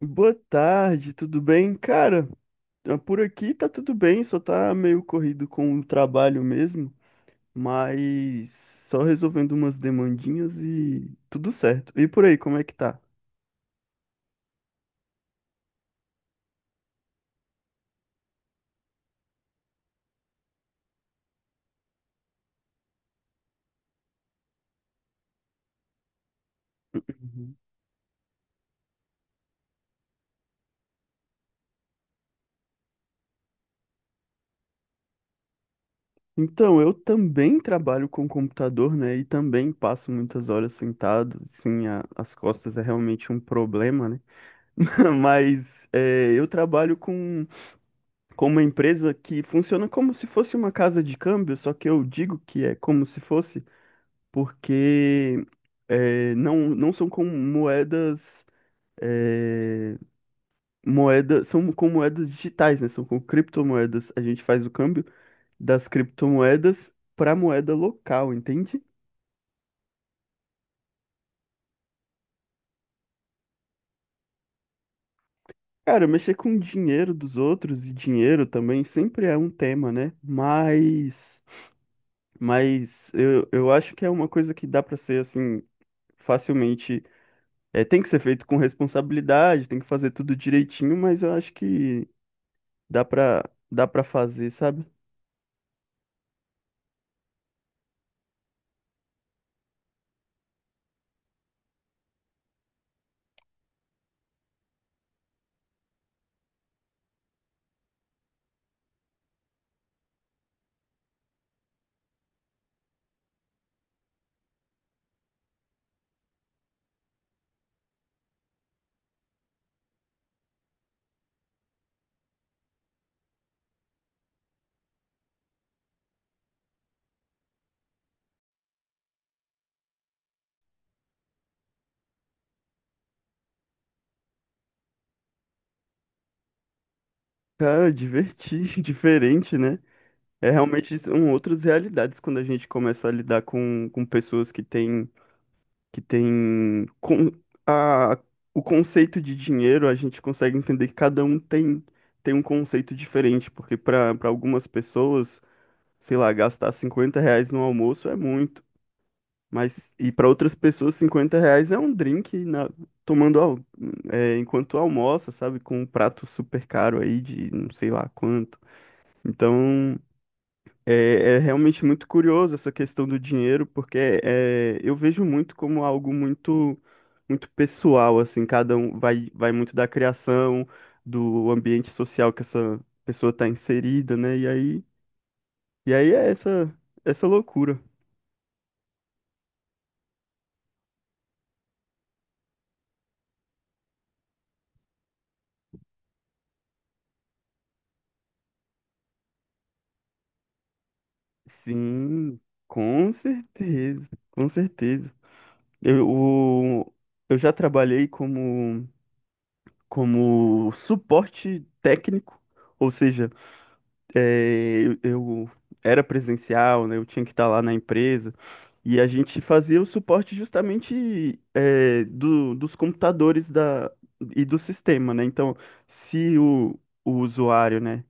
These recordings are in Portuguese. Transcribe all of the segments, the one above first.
Boa tarde, tudo bem? Cara, por aqui tá tudo bem, só tá meio corrido com o trabalho mesmo, mas só resolvendo umas demandinhas e tudo certo. E por aí, como é que tá? Uhum. Então, eu também trabalho com computador, né? E também passo muitas horas sentado, sim, as costas é realmente um problema, né? Mas eu trabalho com uma empresa que funciona como se fosse uma casa de câmbio, só que eu digo que é como se fosse. Porque não, não são com moedas. eh, São com moedas digitais, né? São com criptomoedas. A gente faz o câmbio das criptomoedas para moeda local, entende? Cara, mexer com dinheiro dos outros e dinheiro também sempre é um tema, né? Mas eu acho que é uma coisa que dá para ser assim facilmente. É, tem que ser feito com responsabilidade, tem que fazer tudo direitinho, mas eu acho que Dá pra, dá pra fazer, sabe? Cara, diferente, né? É realmente são outras realidades quando a gente começa a lidar com pessoas que têm que têm com, a, o conceito de dinheiro, a gente consegue entender que cada um tem um conceito diferente, porque para algumas pessoas, sei lá, gastar R$ 50 no almoço é muito. Mas, e para outras pessoas, R$ 50 é um drink tomando al- enquanto almoça, sabe? Com um prato super caro aí de não sei lá quanto. Então, é realmente muito curioso essa questão do dinheiro, porque eu vejo muito como algo muito, muito pessoal, assim, cada um vai muito da criação, do ambiente social que essa pessoa está inserida, né? E aí, é essa loucura. Sim, com certeza, com certeza. Eu, o- eu já trabalhei como suporte técnico, ou seja, eu era presencial, né, eu tinha que estar lá na empresa, e a gente fazia o suporte justamente dos computadores e do sistema, né? Então, se o usuário, né,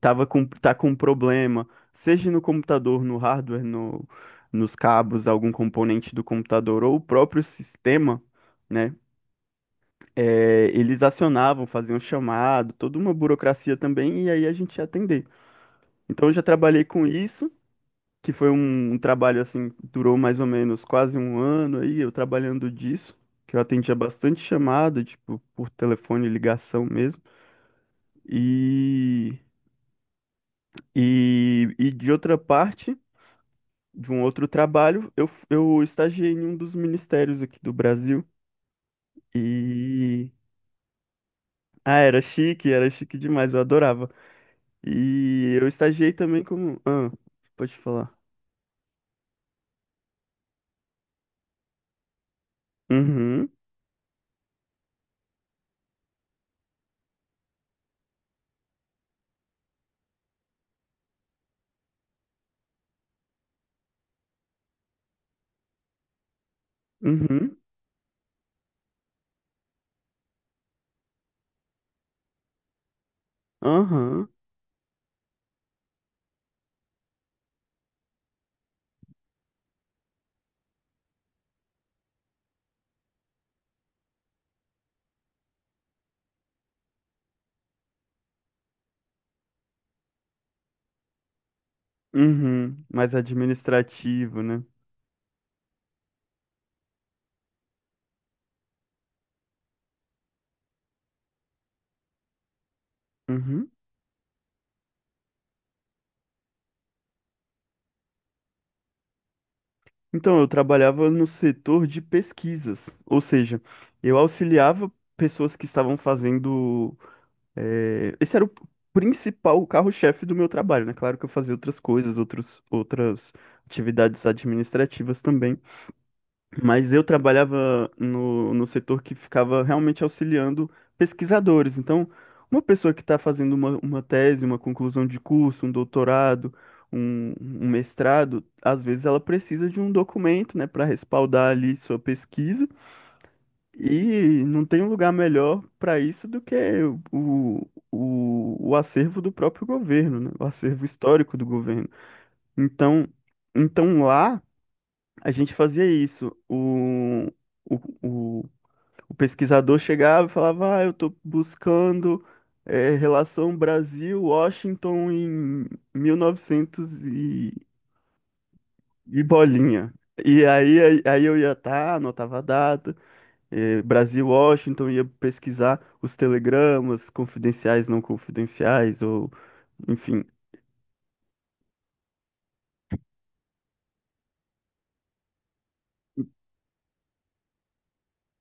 tá com um problema, seja no computador, no hardware, no, nos cabos, algum componente do computador ou o próprio sistema, né? Eles acionavam, faziam chamado, toda uma burocracia também, e aí a gente ia atender. Então eu já trabalhei com isso, que foi um trabalho assim, durou mais ou menos quase um ano aí, eu trabalhando disso, que eu atendia bastante chamada, tipo, por telefone, ligação mesmo. E, e de outra parte. De um outro trabalho, eu estagiei em um dos ministérios aqui do Brasil e era chique demais, eu adorava. E eu estagiei também pode falar. Uhum, uhum, aham, uhum, mais administrativo, né? Uhum. Então, eu trabalhava no setor de pesquisas, ou seja, eu auxiliava pessoas que estavam fazendo. É, esse era o principal, o carro-chefe do meu trabalho, né? Claro que eu fazia outras coisas, outras atividades administrativas também, mas eu trabalhava no setor que ficava realmente auxiliando pesquisadores. Então, uma pessoa que está fazendo uma tese, uma conclusão de curso, um doutorado, um, um e não tem um lugar melhor para isso do que o acervo do próprio governo, né? O acervo histórico do governo. Então, então lá a gente fazia isso. O, o, o pesquisador chegava e falava: Ah, eu estou buscando relação Brasil-Washington em 1900 e, novecentos e bolinha. E aí, anotava a data, Brasil, Washington, ia pesquisar os telegramas confidenciais, não confidenciais, ou enfim.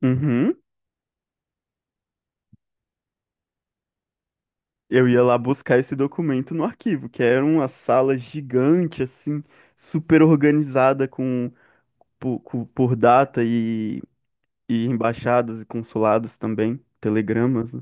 Uhum. Eu ia lá buscar esse documento no arquivo, que era uma sala gigante, assim, super organizada por data e embaixadas e consulados também, telegramas, né?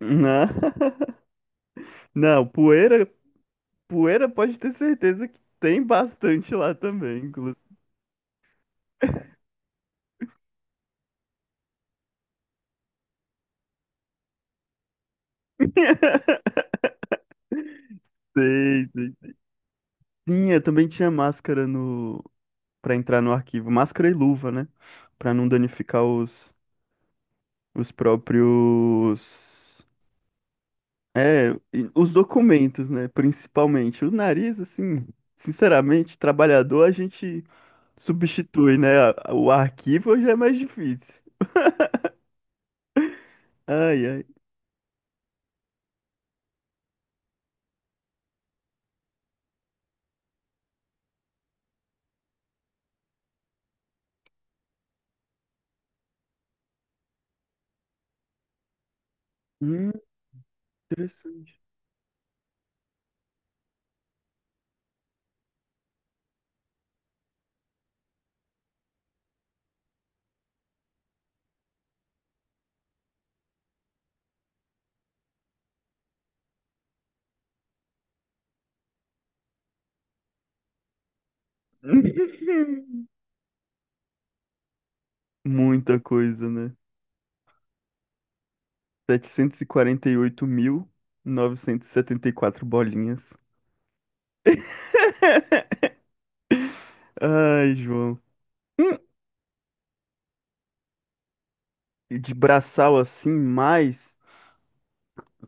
Não, não, poeira pode ter certeza que tem bastante lá também, inclusive. Sei, sei. Também tinha máscara para entrar no arquivo, máscara e luva, né? Para não danificar os próprios. É, e os documentos, né? Principalmente. O nariz, assim, sinceramente, trabalhador, a gente substitui, né? O arquivo já é mais difícil. Ai, ai. Hum. Interessante. Muita coisa, né? Setecentos e quarenta oito mil novecentos e setenta e quatro bolinhas. Ai, João. Hum. E de braçal assim, mas,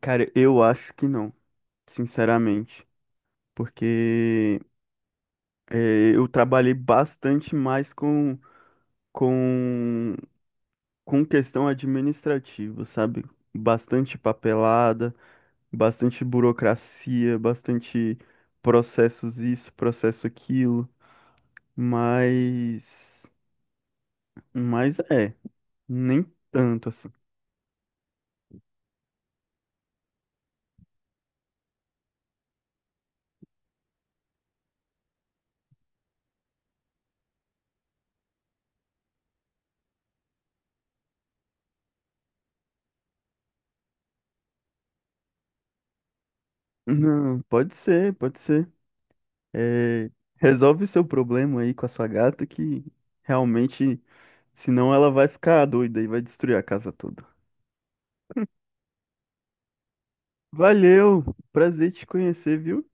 cara, eu acho que não, sinceramente. Porque eu trabalhei bastante mais com, com questão administrativa, sabe? Bastante papelada, bastante burocracia, bastante processos isso, processo aquilo. Mas, mas nem tanto assim. Não, pode ser, pode ser. É, resolve seu problema aí com a sua gata que realmente, senão ela vai ficar doida e vai destruir a casa toda. Valeu, prazer te conhecer, viu?